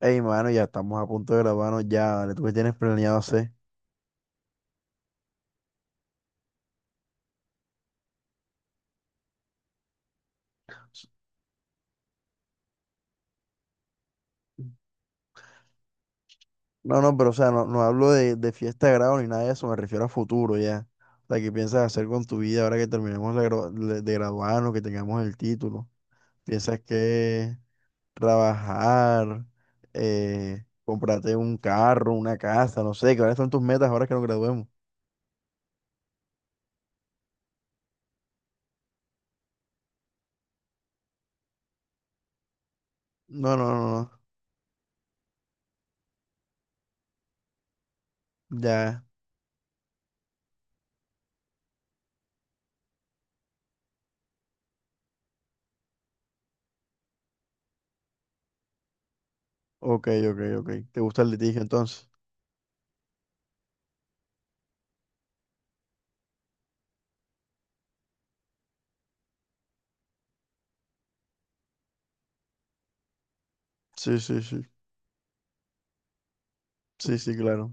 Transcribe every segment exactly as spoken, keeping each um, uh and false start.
Ey, mano, ya estamos a punto de grabarnos ya, ¿vale? ¿Tú qué tienes planeado hacer? No, no, pero o sea, no, no hablo de, de fiesta de grado ni nada de eso, me refiero a futuro ya. O sea, ¿qué piensas hacer con tu vida ahora que terminemos de, gra- de- de graduarnos, que tengamos el título? ¿Piensas que trabajar, eh, comprarte un carro, una casa, no sé, cuáles son tus metas ahora que nos graduemos? No, no, no, no, ya, ok, ok, ok. ¿Te gusta el litigio entonces? Sí, sí, sí, sí, sí, claro.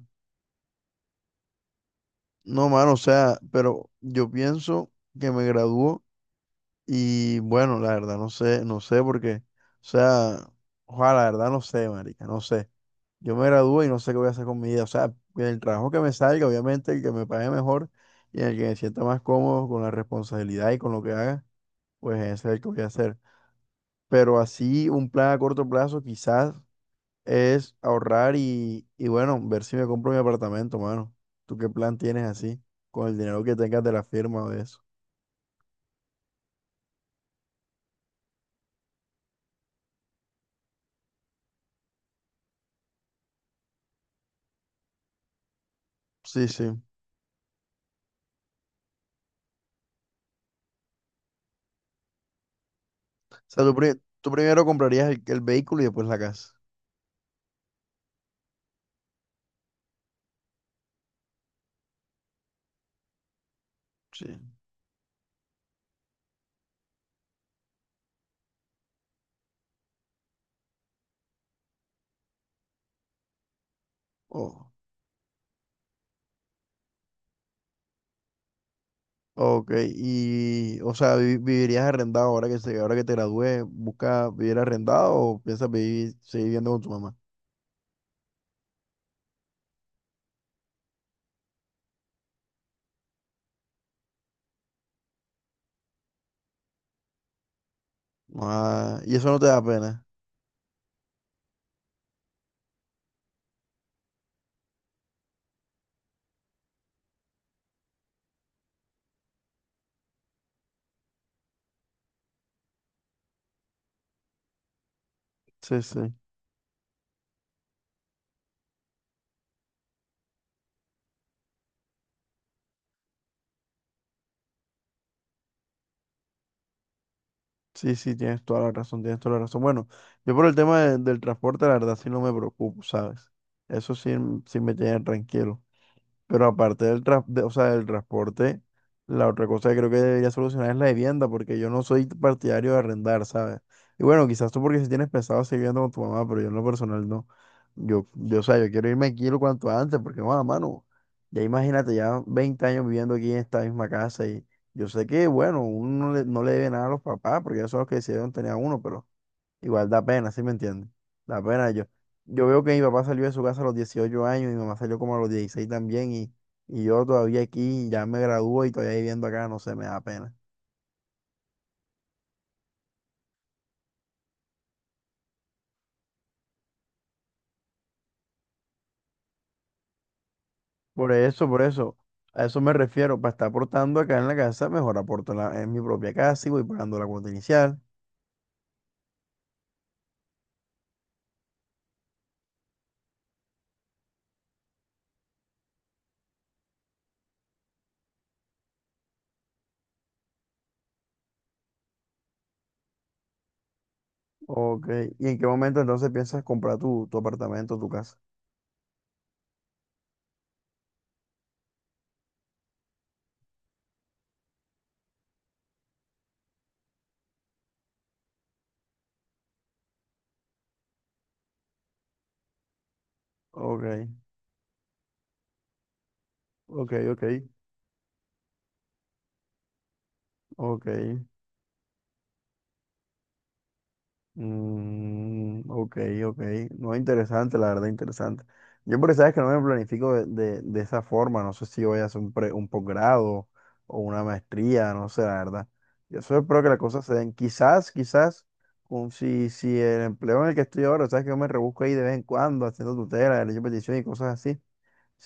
No, mano, o sea, pero yo pienso que me graduó y bueno, la verdad, no sé, no sé porque, o sea, ojalá, la verdad, no sé, marica, no sé. Yo me gradúo y no sé qué voy a hacer con mi vida, o sea, en el trabajo que me salga, obviamente, el que me pague mejor y el que me sienta más cómodo con la responsabilidad y con lo que haga, pues ese es el que voy a hacer. Pero así, un plan a corto plazo, quizás es ahorrar y, y bueno, ver si me compro mi apartamento, mano. ¿Tú qué plan tienes así? Con el dinero que tengas de la firma o de eso. Sí, sí. O sea, tú, pri- tú primero comprarías el, el vehículo y después la casa. Sí. Oh, ok. Y, o sea, vi- ¿vivirías arrendado ahora que, se, ahora que te gradúes? ¿Buscas vivir arrendado o piensas vivir, seguir viviendo con tu mamá? Ah, y eso no te da pena. Sí, sí. Sí, sí, tienes toda la razón, tienes toda la razón. Bueno, yo por el tema de- del transporte, la verdad sí no me preocupo, ¿sabes? Eso sí, m- sí me tiene tranquilo. Pero aparte del, tras- de- o sea, del transporte, la otra cosa que creo que debería solucionar es la vivienda, porque yo no soy partidario de arrendar, ¿sabes? Y bueno, quizás tú porque si tienes pensado seguir viviendo con tu mamá, pero yo en lo personal no. Yo, yo, o sea, yo quiero irme aquí lo cuanto antes, porque, bueno, mano, ya imagínate, ya veinte años viviendo aquí en esta misma casa y yo sé que, bueno, uno no le, no le debe nada a los papás, porque ellos son los que decidieron tener a uno, pero igual da pena, ¿sí me entiendes? Da pena. Yo, yo veo que mi papá salió de su casa a los dieciocho años, mi mamá salió como a los dieciséis también y, y yo todavía aquí, ya me gradúo y todavía viviendo acá, no sé, me da pena. Por eso, por eso, a eso me refiero, para estar aportando acá en la casa, mejor aporto en, la- en mi propia casa y voy pagando la cuota inicial. Ok, ¿y en qué momento entonces piensas comprar tu, tu apartamento, tu casa? Ok, ok, ok, ok. Mm, ok, ok. No, interesante, la verdad, interesante. Yo, pero sabes que no me planifico de, de- de esa forma. No sé si voy a hacer un, pre- un posgrado o una maestría, no sé, la verdad. Yo solo espero que las cosas se den. Quizás, quizás, un- si, si el empleo en el que estoy ahora, sabes que yo me rebusco ahí de vez en cuando haciendo tutela, derecho de petición y cosas así.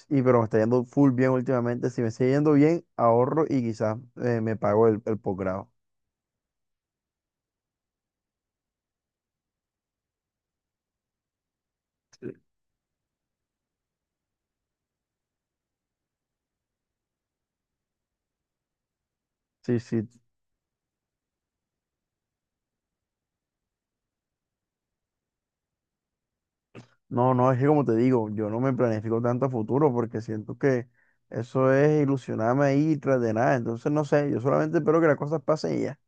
Y pero me está yendo full bien últimamente. Si me sigue yendo bien, ahorro y quizás eh, me pago el, el posgrado. Sí, sí, no, no, es que como te digo, yo no me planifico tanto a futuro porque siento que eso es ilusionarme ahí tras de nada. Entonces, no sé, yo solamente espero que las cosas pasen y ya.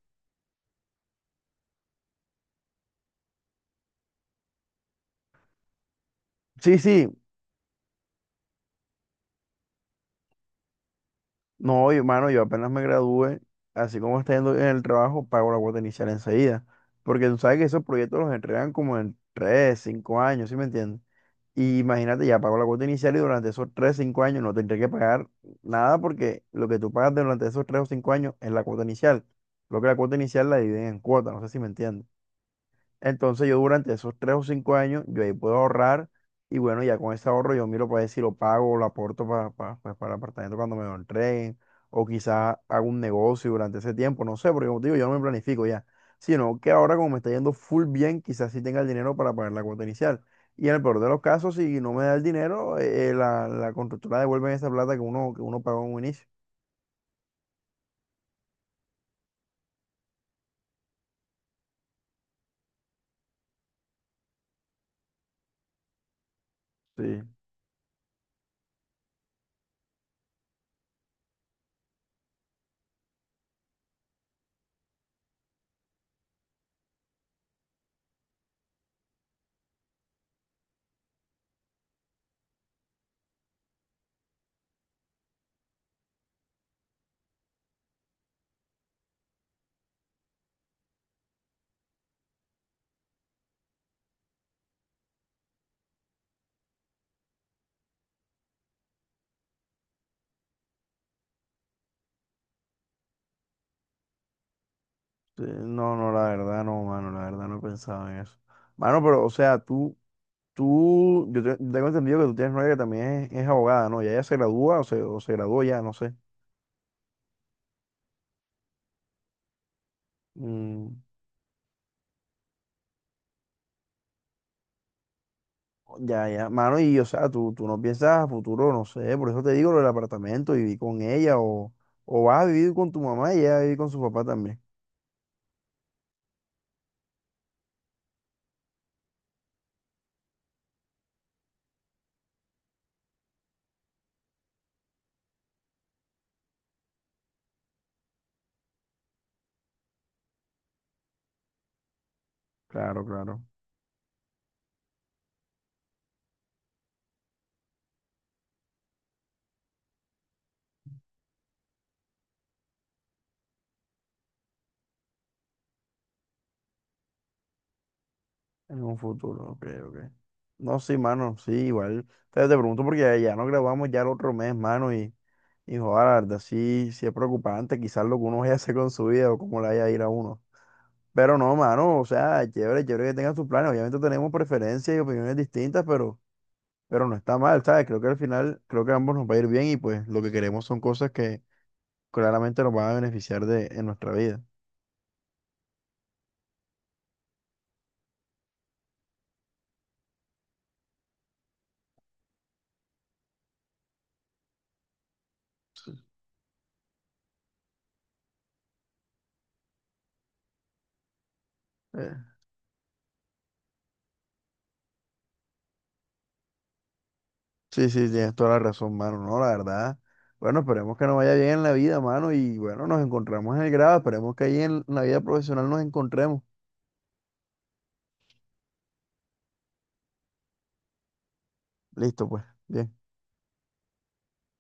Sí, sí, no, yo, mano, yo apenas me gradué, así como está yendo en el trabajo, pago la cuota inicial enseguida. Porque tú sabes que esos proyectos los entregan como en tres cinco años, ¿sí me entiendes? Y imagínate, ya pago la cuota inicial y durante esos tres cinco años no tendré que pagar nada porque lo que tú pagas durante esos tres o cinco años es la cuota inicial. Lo que la cuota inicial la dividen en cuotas, no sé si me entiendes. Entonces yo durante esos tres o cinco años, yo ahí puedo ahorrar y bueno, ya con ese ahorro yo miro para ver si lo pago, lo aporto para, para, pues, para el apartamento cuando me lo entreguen o quizás hago un negocio durante ese tiempo, no sé, porque como te digo, yo no me planifico ya, sino que ahora como me está yendo full bien, quizás sí tenga el dinero para pagar la cuota inicial. Y en el peor de los casos, si no me da el dinero, eh, eh, la, la constructora devuelve esa plata que uno, que uno pagó en un inicio. Sí, sí, no, no, la verdad no, mano, la verdad no he pensado en eso. Mano, pero, o sea, tú, Tú, yo te- tengo entendido que tú tienes novia que también es, es abogada, ¿no? Ya ella se gradúa o se, o se graduó ya, no sé. Mm, ya, ya, mano, y o sea, tú, tú no piensas a futuro, no sé, por eso te digo lo del apartamento, vivir con ella o, o vas a vivir con tu mamá y ella va a vivir con su papá también. Claro, claro, en un futuro, ok, ok. No, sí, mano, sí, igual. Te, te pregunto porque ya, ya nos grabamos ya el otro mes, mano, y, y joder, la verdad, sí, sí es preocupante quizás lo que uno vaya a hacer con su vida o cómo la vaya a ir a uno. Pero no, mano, o sea, chévere, chévere que tengan sus planes. Obviamente tenemos preferencias y opiniones distintas, pero, pero, no está mal, ¿sabes? Creo que al final, creo que a ambos nos va a ir bien y pues lo que queremos son cosas que claramente nos van a beneficiar de, en nuestra vida. Eh, sí, sí, tienes toda la razón, mano, no, la verdad. Bueno, esperemos que nos vaya bien en la vida, mano, y bueno, nos encontramos en el grado, esperemos que ahí en la vida profesional nos encontremos. Listo, pues, bien.